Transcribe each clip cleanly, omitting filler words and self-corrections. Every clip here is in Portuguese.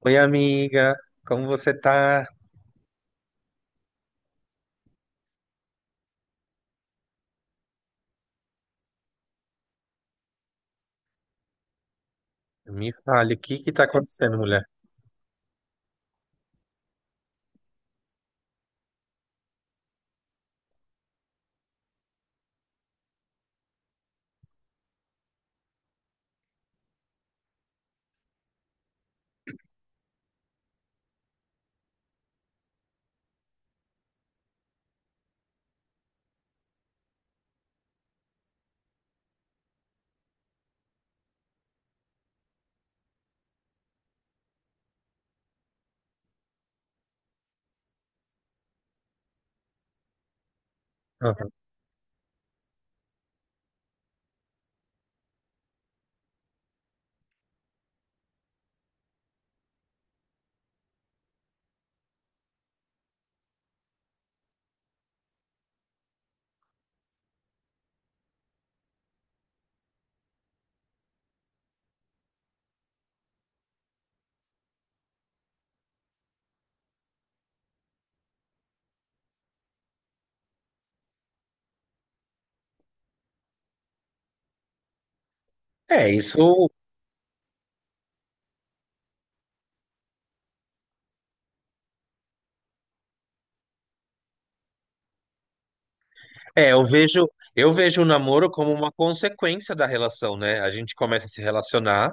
Oi, amiga, como você tá? Me fale, o que que tá acontecendo, mulher? Aham. É, isso. É, eu vejo o namoro como uma consequência da relação, né? A gente começa a se relacionar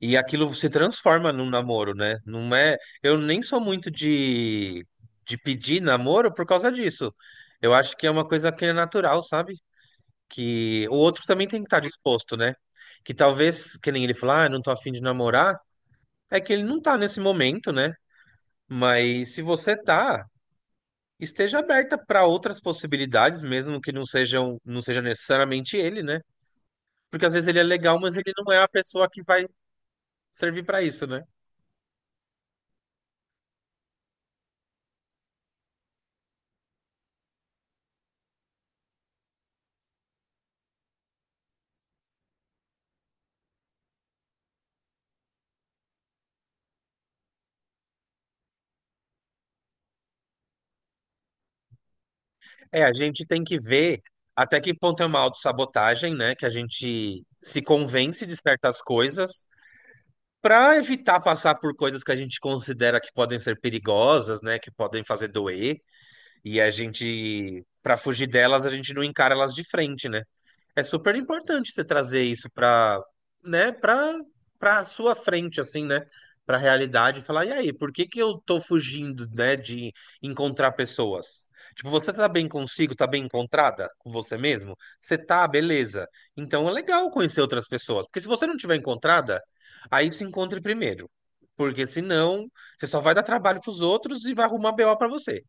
e aquilo se transforma num namoro, né? Não é, eu nem sou muito de pedir namoro por causa disso. Eu acho que é uma coisa que é natural, sabe? Que o outro também tem que estar disposto, né? Que talvez, que nem ele falar, ah, não tô afim de namorar, é que ele não tá nesse momento, né? Mas se você tá, esteja aberta para outras possibilidades, mesmo que não sejam, não seja necessariamente ele, né? Porque às vezes ele é legal, mas ele não é a pessoa que vai servir para isso, né? É, a gente tem que ver até que ponto é uma autossabotagem, né? Que a gente se convence de certas coisas para evitar passar por coisas que a gente considera que podem ser perigosas, né? Que podem fazer doer. E a gente, para fugir delas, a gente não encara elas de frente, né? É super importante você trazer isso para, né, para sua frente assim, né, para a realidade e falar, e aí, por que que eu tô fugindo, né, de encontrar pessoas? Tipo, você tá bem consigo, tá bem encontrada com você mesmo? Você tá, beleza. Então é legal conhecer outras pessoas, porque se você não tiver encontrada, aí se encontre primeiro. Porque senão, você só vai dar trabalho pros outros e vai arrumar BO pra você.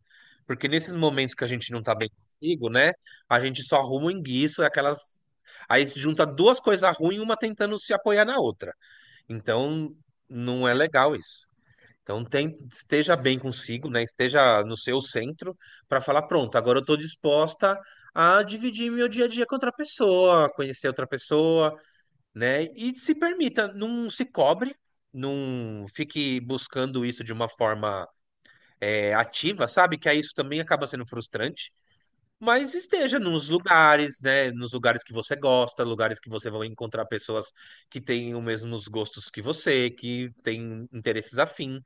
Porque nesses momentos que a gente não tá bem consigo, né, a gente só arruma o enguiço, é aquelas. Aí se junta duas coisas ruins, uma tentando se apoiar na outra. Então, não é legal isso. Então, esteja bem consigo, né? Esteja no seu centro para falar, pronto, agora eu estou disposta a dividir meu dia a dia com outra pessoa, conhecer outra pessoa, né? E se permita, não se cobre, não fique buscando isso de uma forma é, ativa, sabe? Que aí isso também acaba sendo frustrante. Mas esteja nos lugares, né? Nos lugares que você gosta, lugares que você vai encontrar pessoas que têm os mesmos gostos que você, que têm interesses afim.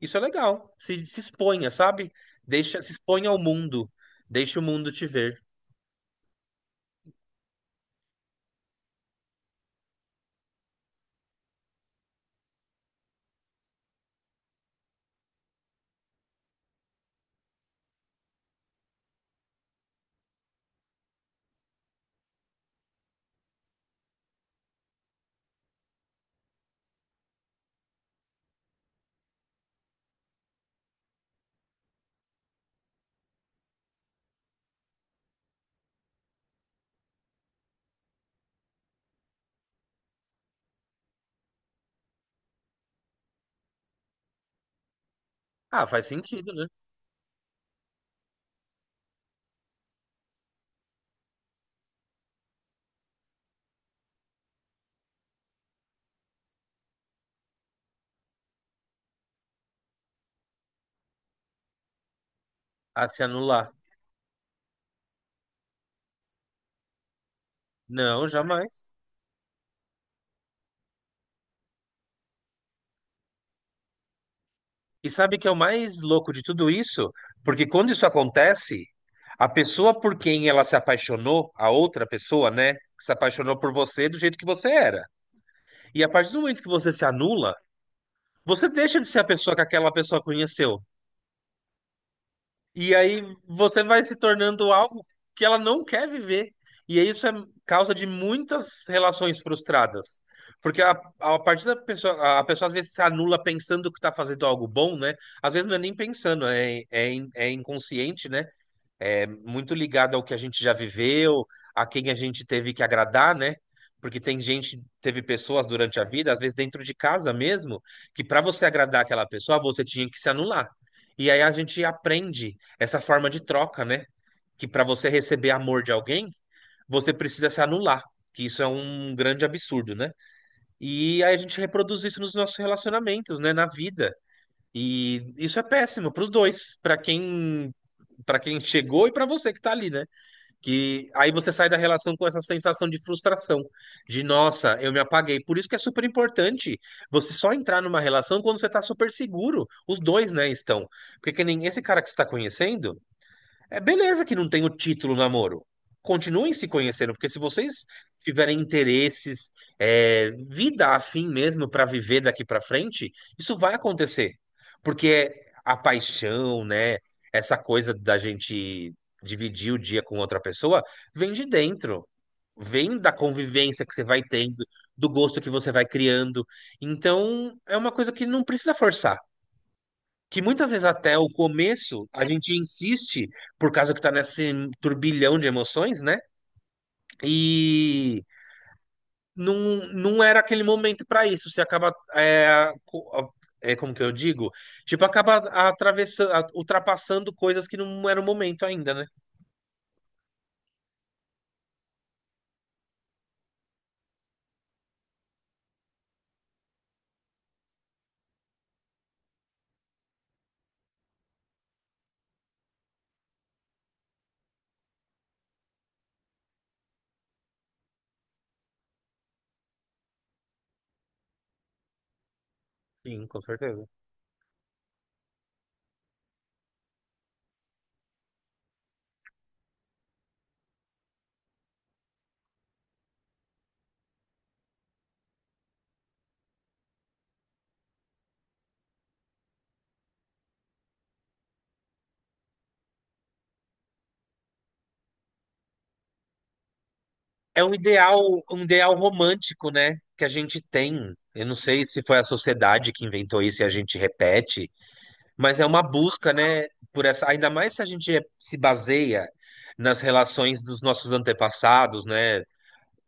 Isso é legal. Se exponha, sabe? Deixa, se exponha ao mundo. Deixa o mundo te ver. Ah, faz sentido, né? A se anular. Não, jamais. E sabe que é o mais louco de tudo isso? Porque quando isso acontece, a pessoa por quem ela se apaixonou, a outra pessoa, né? Se apaixonou por você do jeito que você era. E a partir do momento que você se anula, você deixa de ser a pessoa que aquela pessoa conheceu. E aí você vai se tornando algo que ela não quer viver. E isso é causa de muitas relações frustradas. Porque a partir da pessoa, a pessoa às vezes se anula pensando que está fazendo algo bom, né? Às vezes não é nem pensando, é, é, é inconsciente, né? É muito ligado ao que a gente já viveu, a quem a gente teve que agradar, né? Porque tem gente, teve pessoas durante a vida, às vezes dentro de casa mesmo, que para você agradar aquela pessoa, você tinha que se anular. E aí a gente aprende essa forma de troca, né? Que para você receber amor de alguém, você precisa se anular, que isso é um grande absurdo, né? E aí a gente reproduz isso nos nossos relacionamentos, né, na vida. E isso é péssimo para os dois, para quem chegou e para você que tá ali, né? Que aí você sai da relação com essa sensação de frustração, de nossa, eu me apaguei. Por isso que é super importante você só entrar numa relação quando você tá super seguro. Os dois, né, estão. Porque que nem esse cara que você tá conhecendo, é beleza que não tem o título namoro. Continuem se conhecendo, porque se vocês tiverem interesses, é, vida afim mesmo para viver daqui para frente, isso vai acontecer. Porque é a paixão, né, essa coisa da gente dividir o dia com outra pessoa, vem de dentro. Vem da convivência que você vai tendo, do gosto que você vai criando. Então, é uma coisa que não precisa forçar, que muitas vezes até o começo a gente insiste por causa que tá nesse turbilhão de emoções, né? E não, não era aquele momento para isso. Você acaba é, é, como que eu digo? Tipo, acaba atravessando, ultrapassando coisas que não era o momento ainda, né? Sim, com certeza. É um ideal romântico, né? Que a gente tem. Eu não sei se foi a sociedade que inventou isso e a gente repete. Mas é uma busca, né, por essa, ainda mais se a gente se baseia nas relações dos nossos antepassados, né,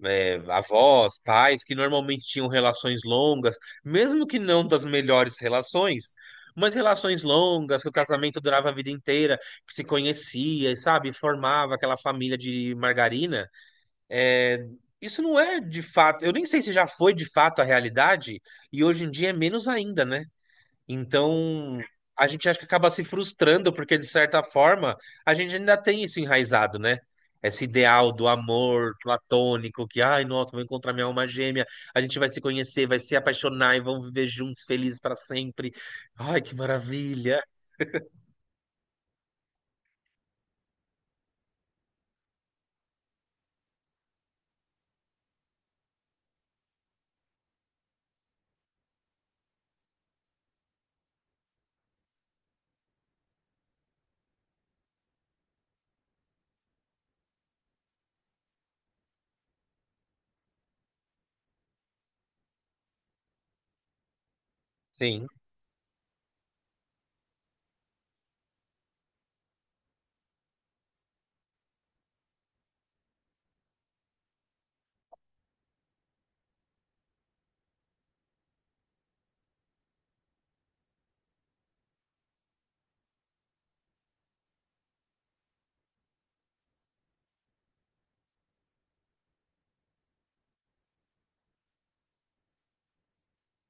é, avós, pais, que normalmente tinham relações longas, mesmo que não das melhores relações, mas relações longas, que o casamento durava a vida inteira, que se conhecia, e, sabe, formava aquela família de margarina. É, isso não é de fato, eu nem sei se já foi de fato a realidade, e hoje em dia é menos ainda, né? Então, a gente acha que acaba se frustrando, porque de certa forma, a gente ainda tem isso enraizado, né? Esse ideal do amor platônico, que, ai, nossa, vou encontrar minha alma gêmea, a gente vai se conhecer, vai se apaixonar e vão viver juntos felizes para sempre. Ai, que maravilha. Sim.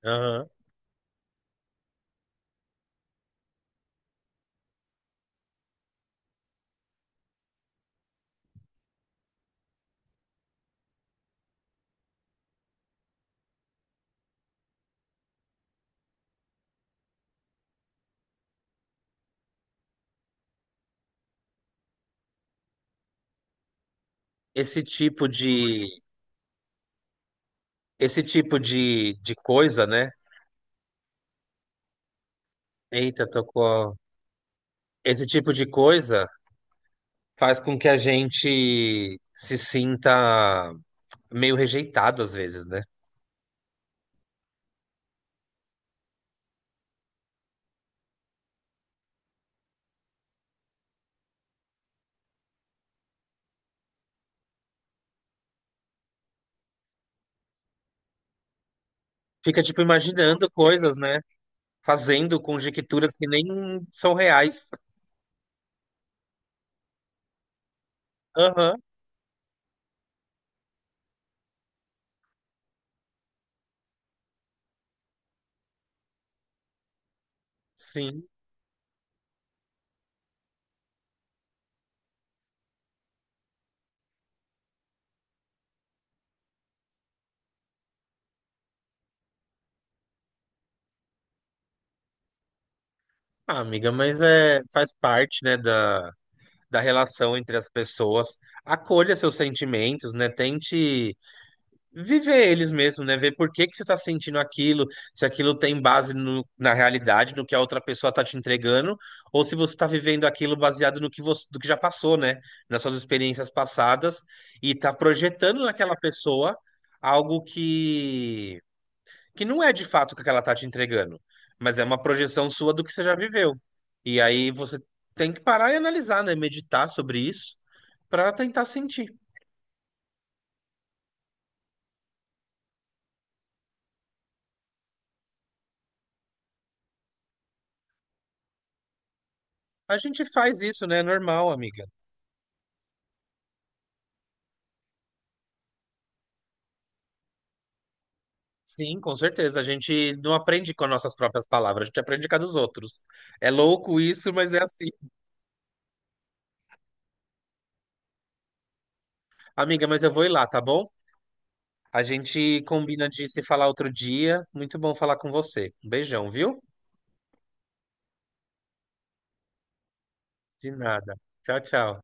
Aham. Esse tipo de esse tipo de coisa, né? Eita, tocou. Esse tipo de coisa faz com que a gente se sinta meio rejeitado às vezes, né? Fica, tipo, imaginando coisas, né? Fazendo conjecturas que nem são reais. Aham, sim. Ah, amiga, mas é, faz parte, né, da, da relação entre as pessoas. Acolha seus sentimentos, né? Tente viver eles mesmo, né? Ver por que que você está sentindo aquilo, se aquilo tem base na realidade, no que a outra pessoa está te entregando, ou se você está vivendo aquilo baseado no que você, do que já passou, né? Nas suas experiências passadas e está projetando naquela pessoa algo que não é de fato o que ela está te entregando, mas é uma projeção sua do que você já viveu. E aí você tem que parar e analisar, né? Meditar sobre isso para tentar sentir. A gente faz isso, né? É normal, amiga. Sim, com certeza. A gente não aprende com as nossas próprias palavras, a gente aprende com a dos outros. É louco isso, mas é assim. Amiga, mas eu vou ir lá, tá bom? A gente combina de se falar outro dia. Muito bom falar com você. Um beijão, viu? De nada. Tchau, tchau.